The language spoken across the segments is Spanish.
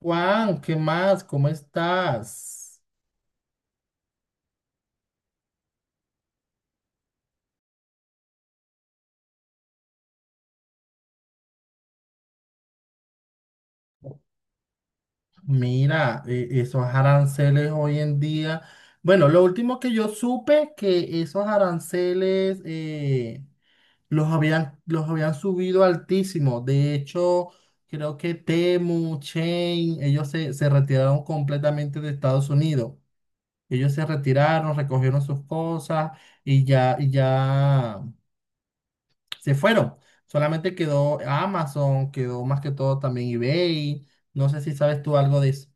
Juan, ¿qué más? ¿Cómo estás? Mira, esos aranceles hoy en día. Bueno, lo último que yo supe que esos aranceles los habían subido altísimo. De hecho, creo que Temu, Chain, ellos se retiraron completamente de Estados Unidos. Ellos se retiraron, recogieron sus cosas y ya, y ya, se fueron. Solamente quedó Amazon, quedó más que todo también eBay. No sé si sabes tú algo de eso.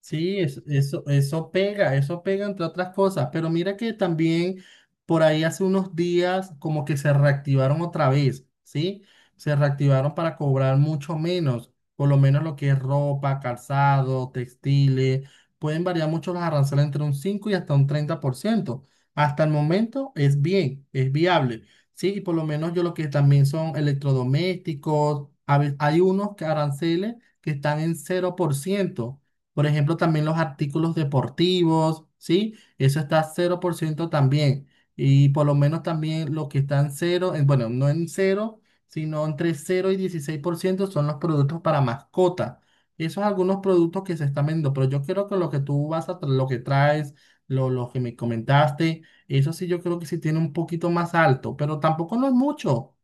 Sí, eso pega, eso pega entre otras cosas, pero mira que también por ahí hace unos días como que se reactivaron otra vez, ¿sí? Se reactivaron para cobrar mucho menos, por lo menos lo que es ropa, calzado, textiles, pueden variar mucho los aranceles entre un 5 y hasta un 30%. Hasta el momento es bien, es viable, ¿sí? Y por lo menos yo lo que también son electrodomésticos, hay unos que aranceles que están en 0%, por ejemplo, también los artículos deportivos, ¿sí? Eso está 0% también. Y por lo menos también lo que está en cero, bueno, no en cero, sino entre cero y 16% son los productos para mascota. Esos algunos productos que se están vendiendo, pero yo creo que lo que traes, lo que me comentaste, eso sí yo creo que sí tiene un poquito más alto, pero tampoco no es mucho.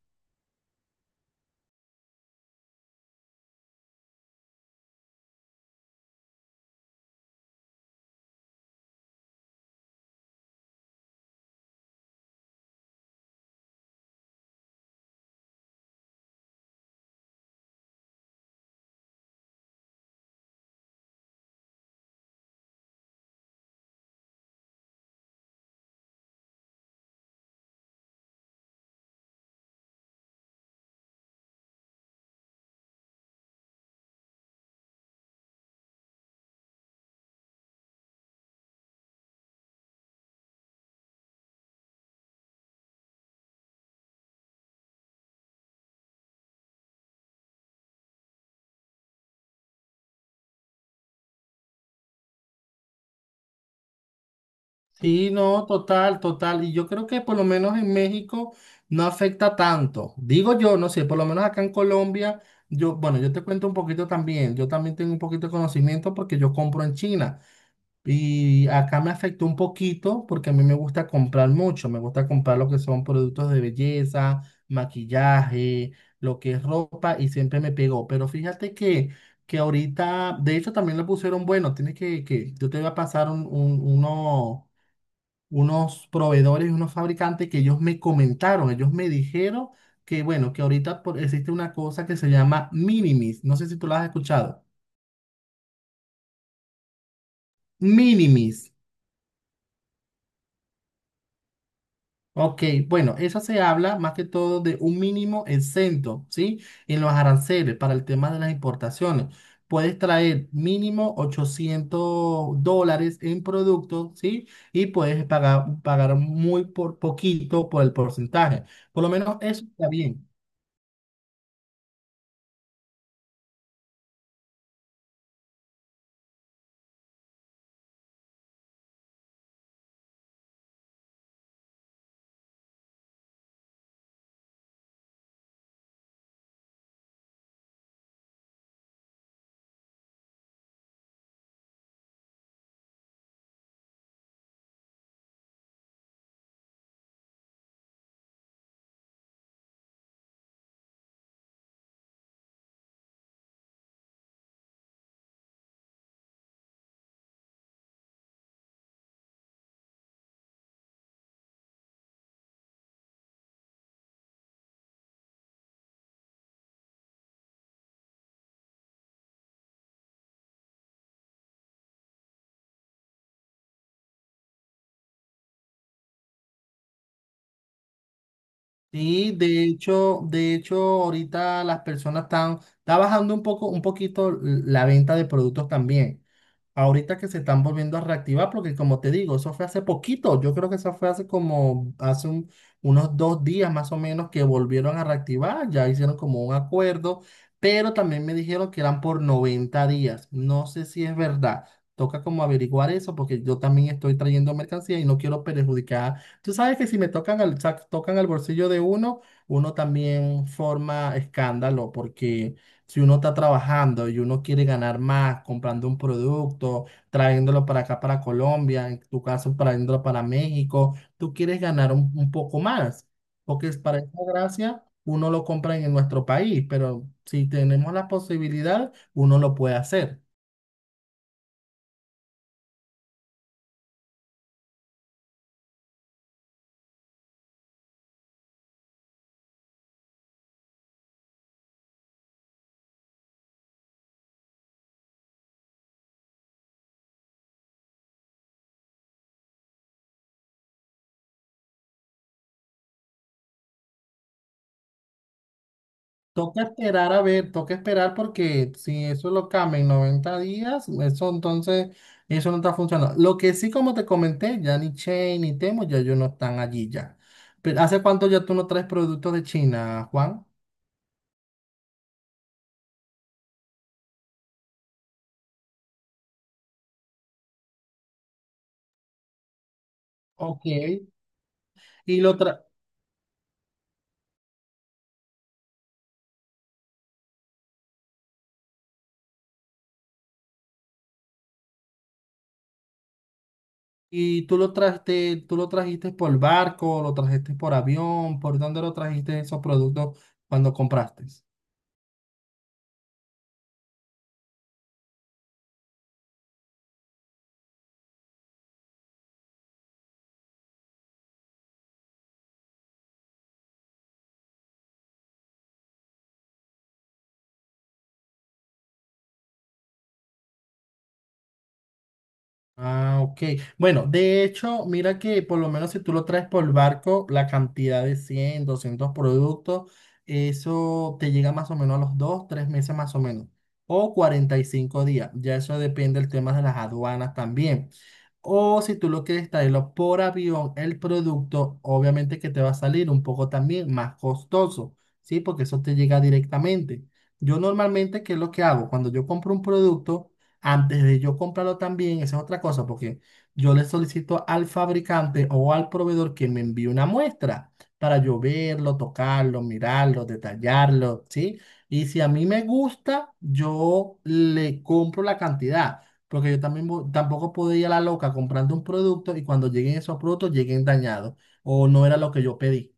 Sí, no, total, total. Y yo creo que por lo menos en México no afecta tanto. Digo yo, no sé, por lo menos acá en Colombia, yo, bueno, yo te cuento un poquito también. Yo también tengo un poquito de conocimiento porque yo compro en China. Y acá me afectó un poquito porque a mí me gusta comprar mucho. Me gusta comprar lo que son productos de belleza, maquillaje, lo que es ropa y siempre me pegó. Pero fíjate que ahorita, de hecho también le pusieron, bueno, tienes yo te voy a pasar unos proveedores, unos fabricantes que ellos me comentaron, ellos me dijeron que, bueno, que ahorita existe una cosa que se llama Minimis. No sé si tú la has escuchado. Minimis. Ok, bueno, eso se habla más que todo de un mínimo exento, ¿sí? En los aranceles para el tema de las importaciones. Puedes traer mínimo $800 en productos, ¿sí? Y puedes pagar muy por poquito por el porcentaje. Por lo menos eso está bien. Sí, de hecho, ahorita las personas está bajando un poco, un poquito la venta de productos también, ahorita que se están volviendo a reactivar, porque como te digo, eso fue hace poquito, yo creo que eso fue hace como, unos dos días más o menos que volvieron a reactivar, ya hicieron como un acuerdo, pero también me dijeron que eran por 90 días, no sé si es verdad. Toca como averiguar eso porque yo también estoy trayendo mercancía y no quiero perjudicar. Tú sabes que si me tocan al bolsillo de uno, uno también forma escándalo porque si uno está trabajando y uno quiere ganar más comprando un producto, trayéndolo para acá, para Colombia, en tu caso, trayéndolo para México, tú quieres ganar un poco más, porque es para esa gracia uno lo compra en nuestro país, pero si tenemos la posibilidad, uno lo puede hacer. Toca esperar a ver, toca esperar porque si eso lo cambia en 90 días, eso entonces, eso no está funcionando. Lo que sí, como te comenté, ya ni Chain ni Temo, ya ellos no están allí ya. Pero ¿hace cuánto ya tú no traes productos de China, Juan? Ok. Y lo tra- y tú lo trajiste por barco, lo trajiste por avión, ¿por dónde lo trajiste esos productos cuando compraste? Ah, ok. Bueno, de hecho, mira que por lo menos si tú lo traes por barco, la cantidad de 100, 200 productos, eso te llega más o menos a los 2, 3 meses más o menos, o 45 días. Ya eso depende del tema de las aduanas también. O si tú lo quieres traerlo por avión, el producto obviamente que te va a salir un poco también más costoso, ¿sí? Porque eso te llega directamente. Yo normalmente, ¿qué es lo que hago? Cuando yo compro un producto, antes de yo comprarlo también, esa es otra cosa, porque yo le solicito al fabricante o al proveedor que me envíe una muestra para yo verlo, tocarlo, mirarlo, detallarlo, ¿sí? Y si a mí me gusta, yo le compro la cantidad, porque yo también tampoco puedo ir a la loca comprando un producto y cuando lleguen esos productos lleguen dañados o no era lo que yo pedí.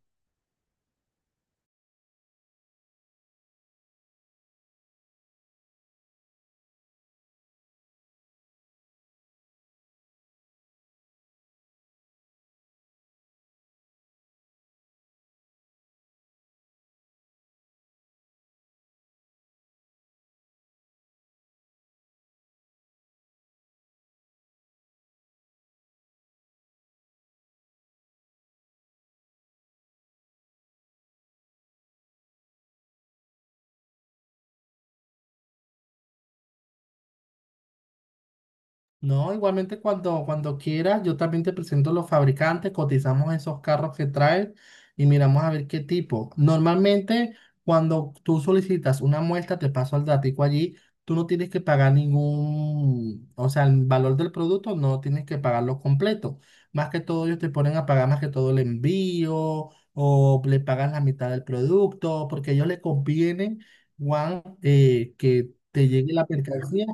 No, igualmente cuando quieras, yo también te presento los fabricantes, cotizamos esos carros que traes y miramos a ver qué tipo. Normalmente, cuando tú solicitas una muestra, te paso el datico allí, tú no tienes que pagar ningún, o sea, el valor del producto no tienes que pagarlo completo. Más que todo, ellos te ponen a pagar más que todo el envío o le pagas la mitad del producto, porque a ellos les conviene, Juan, que te llegue la mercancía.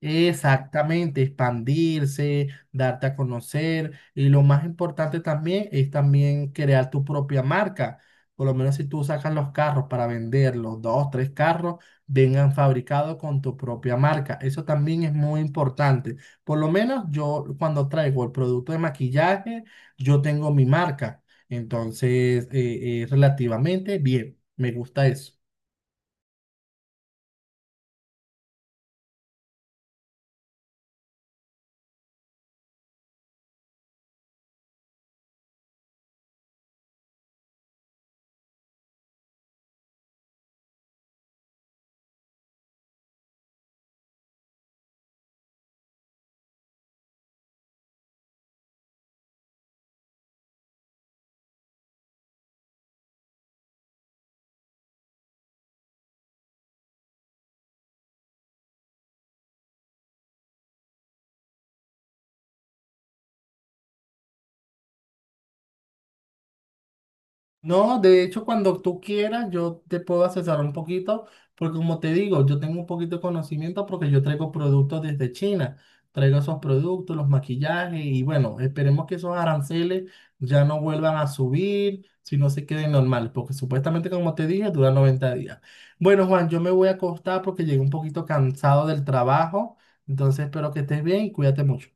Exactamente, expandirse, darte a conocer y lo más importante también es también crear tu propia marca. Por lo menos si tú sacas los carros para venderlos, dos, tres carros, vengan fabricados con tu propia marca. Eso también es muy importante. Por lo menos yo cuando traigo el producto de maquillaje, yo tengo mi marca. Entonces, relativamente bien, me gusta eso. No, de hecho, cuando tú quieras, yo te puedo asesorar un poquito, porque como te digo, yo tengo un poquito de conocimiento porque yo traigo productos desde China. Traigo esos productos, los maquillajes y bueno, esperemos que esos aranceles ya no vuelvan a subir, sino se queden normales, porque supuestamente, como te dije, dura 90 días. Bueno, Juan, yo me voy a acostar porque llegué un poquito cansado del trabajo, entonces espero que estés bien y cuídate mucho.